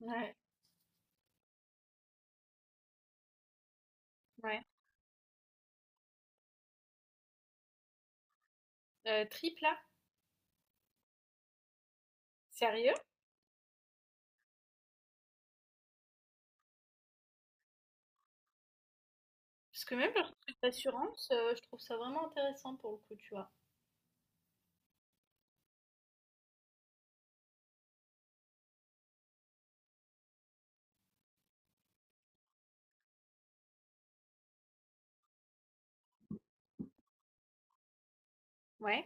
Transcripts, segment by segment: Ouais, ouais. Triple A? Sérieux? Parce que même leur truc d'assurance, je trouve ça vraiment intéressant pour le coup, tu vois? Ouais.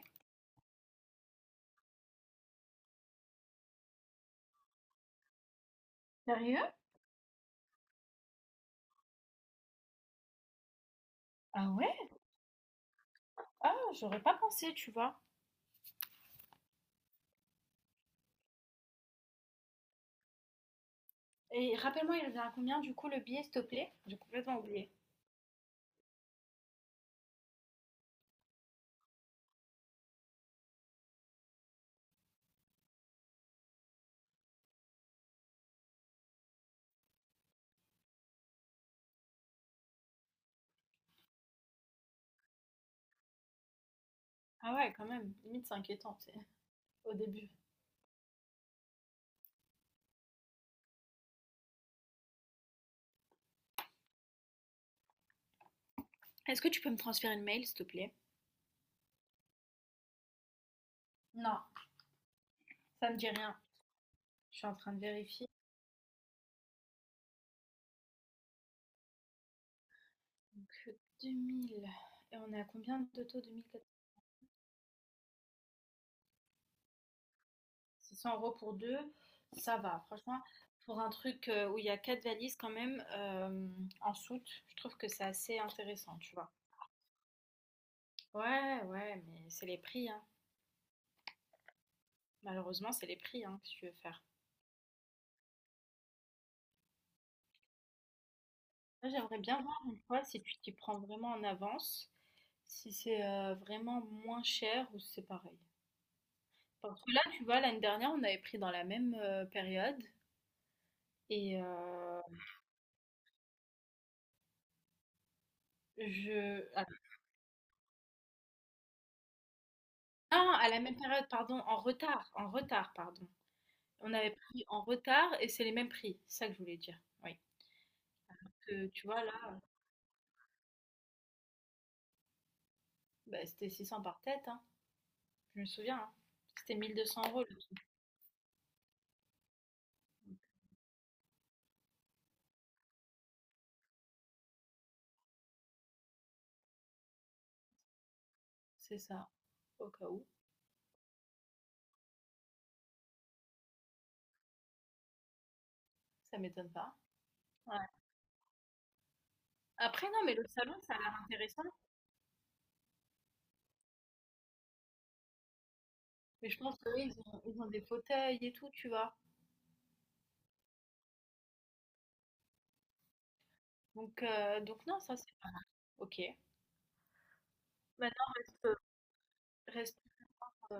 Sérieux? Ah ouais? Ah, j'aurais pas pensé, tu vois? Et rappelle-moi, il revient à combien du coup le billet, s'il te plaît? J'ai complètement oublié. Ah ouais, quand même, limite c'est inquiétant, tu au début. Est-ce que tu peux me transférer le mail, s'il te plaît? Non, ça me dit rien. Je suis en train de vérifier. Donc, 2000 et on est à combien de taux? 2000? 600 € pour deux, ça va. Franchement, pour un truc où il y a quatre valises quand même en soute, je trouve que c'est assez intéressant, tu vois. Ouais, ouais, mais c'est les prix, hein. Malheureusement, c'est les prix, hein, que tu veux faire. Moi, j'aimerais bien voir une fois si tu t'y prends vraiment en avance, si c'est vraiment moins cher ou si c'est pareil. Parce que là, tu vois, l'année dernière, on avait pris dans la même période. Et euh, je... Ah, à la même période, pardon, en retard, pardon. On avait pris en retard et c'est les mêmes prix, c'est ça que je voulais dire. Oui. Que, tu vois, là, bah, c'était 600 par tête, hein. Je me souviens, hein. C'était 1200 euros. Le C'est ça, au cas où. Ça m'étonne pas. Ouais. Après, non, mais le salon, ça a l'air intéressant. Mais je pense que oui, ils ont des fauteuils et tout, tu vois. Donc, non, ça, c'est pas mal. Ok. Maintenant, reste euh,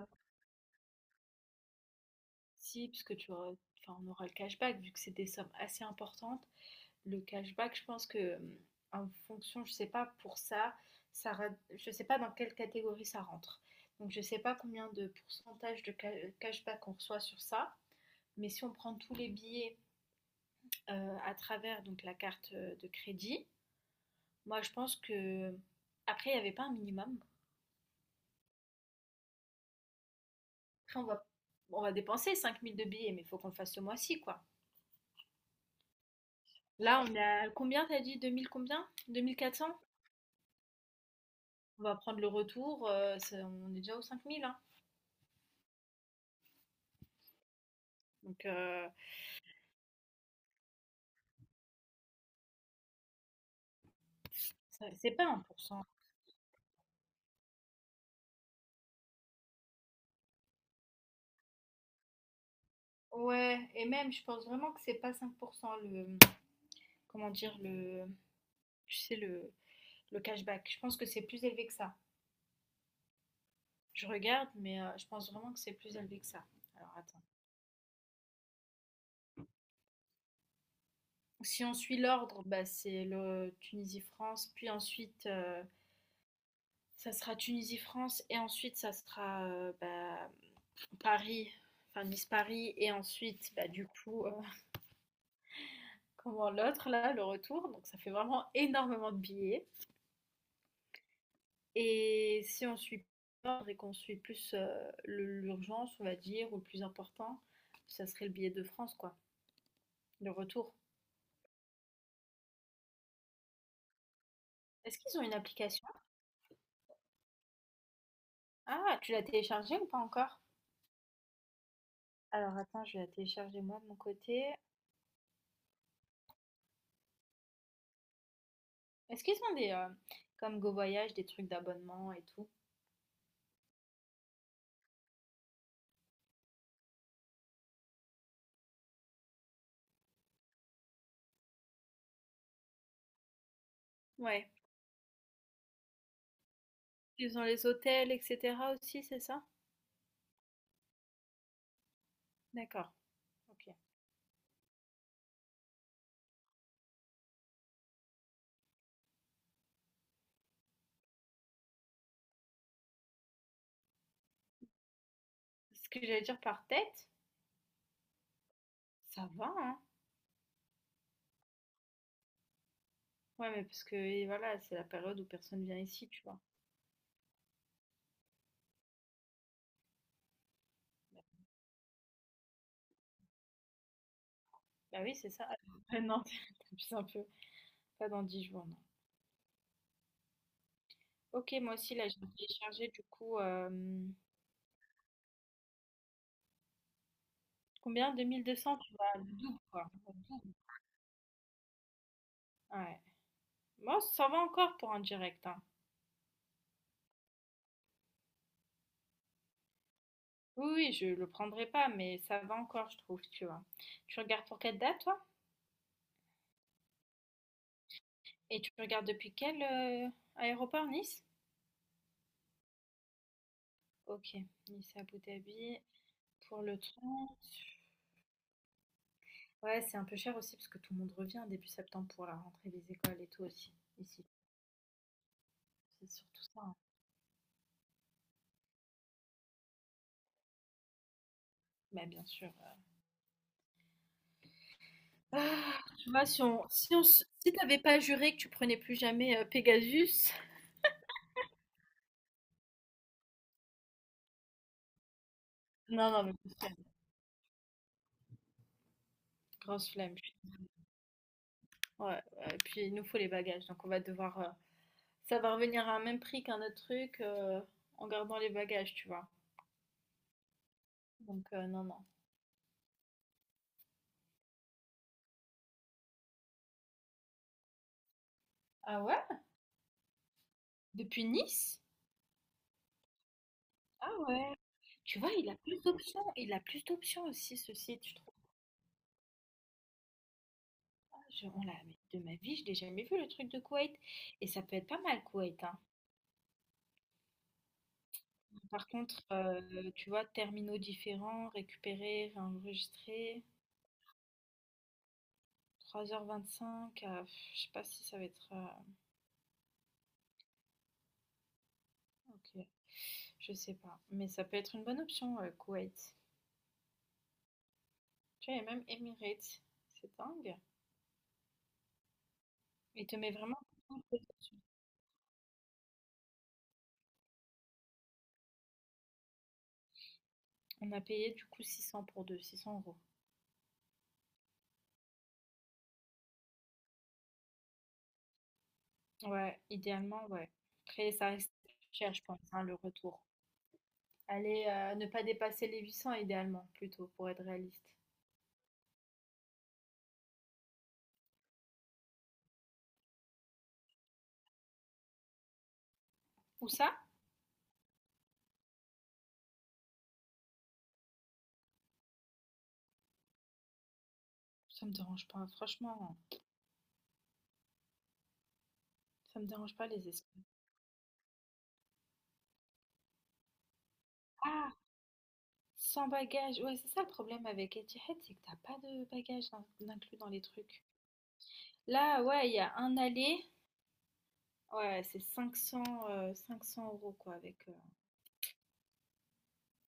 si, parce que enfin, on aura le cashback, vu que c'est des sommes assez importantes. Le cashback, je pense que en fonction, je sais pas pour ça, ça je sais pas dans quelle catégorie ça rentre. Donc je sais pas combien de pourcentage de cashback on reçoit sur ça. Mais si on prend tous les billets à travers donc la carte de crédit, moi je pense que après il n'y avait pas un minimum. Après on va dépenser 5000 de billets, mais il faut qu'on le fasse ce mois-ci quoi. Là on a combien t'as dit? 2000 combien? 2400? On va prendre le retour, on est déjà aux 5000, hein. Donc ça c'est pas 1 %. Ouais, et même, je pense vraiment que c'est pas 5 % le, comment dire, le, tu sais, le cashback. Je pense que c'est plus élevé que ça. Je regarde, mais je pense vraiment que c'est plus élevé que ça. Alors, attends. Si on suit l'ordre, bah, c'est le Tunisie-France, puis ensuite, ça sera Tunisie-France, et ensuite, ça sera bah, Paris, enfin Nice-Paris, et ensuite, bah, du coup, comment l'autre, là, le retour. Donc, ça fait vraiment énormément de billets. Et si on suit pas l'ordre et qu'on suit plus l'urgence, on va dire, ou le plus important, ça serait le billet de France, quoi, le retour. Est-ce qu'ils ont une application? Ah, tu l'as téléchargée ou pas encore? Alors attends, je vais la télécharger moi de mon côté. Est-ce qu'ils ont des, comme GoVoyage, des trucs d'abonnement et tout? Ouais. Ils ont les hôtels, etc. aussi, c'est ça? D'accord. Ok. Ce que j'allais dire par tête, ça va, hein? Ouais, mais parce que et voilà, c'est la période où personne vient ici, tu vois. Bah oui, c'est ça. Ah ouais, non, t'abuses un peu. Pas dans 10 jours, non. Ok, moi aussi, là, j'ai téléchargé du coup. Combien? 2200, tu vois, le double, quoi. Ouais. Moi, ça va encore pour un direct, hein. Oui, oui, je le prendrai pas, mais ça va encore, je trouve, tu vois. Tu regardes pour quelle date, toi? Et tu regardes depuis quel aéroport, Nice? Ok, Nice à Abu Dhabi. Pour le 30. Ouais, c'est un peu cher aussi parce que tout le monde revient début septembre pour la rentrée des écoles et tout aussi, ici. C'est surtout ça, hein. Bah, bien sûr. Ah, tu vois, si on, si on, s- si t'avais pas juré que tu prenais plus jamais Pegasus, non, non, mais grosse flemme, grosse flemme. Ouais, ouais, et puis il nous faut les bagages, donc on va devoir, ça va revenir à un même prix qu'un autre truc en gardant les bagages, tu vois. Donc non, non. Ah ouais? Depuis Nice? Ah ouais. Tu vois, il a plus d'options, il a plus d'options aussi ce site, je trouve. Ah, mais de ma vie, je l'ai jamais vu le truc de Kuwait, et ça peut être pas mal Kuwait, hein. Par contre, tu vois, terminaux différents, récupérer, réenregistrer, 3 h 25, pff, je sais pas si ça va être ok, je sais pas. Mais ça peut être une bonne option, Kuwait. Tu vois, il y a même Emirates, c'est dingue. Il te met vraiment tout le dessus. On a payé du coup 600 pour deux, 600 euros. Ouais, idéalement, ouais. Après, ça reste cher, je pense, hein, le retour. Allez, ne pas dépasser les 800 idéalement, plutôt, pour être réaliste. Ou ça? Ça me dérange pas, franchement. Ça me dérange pas les escales. Ah! Sans bagage. Ouais, c'est ça le problème avec Etihad, c'est que t'as pas de bagage d'inclus dans les trucs. Là, ouais, il y a un aller, ouais, c'est 500, 500 € quoi, avec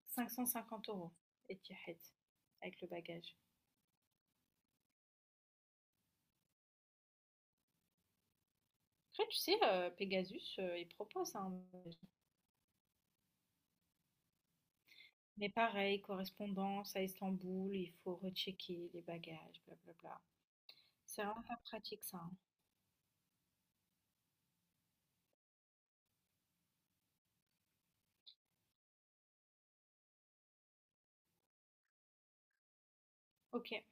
550 € Etihad, avec le bagage. Après, tu sais, Pegasus, il propose un bagage. Mais pareil, correspondance à Istanbul, il faut rechecker les bagages, blablabla. C'est vraiment pas pratique ça, hein. Ok.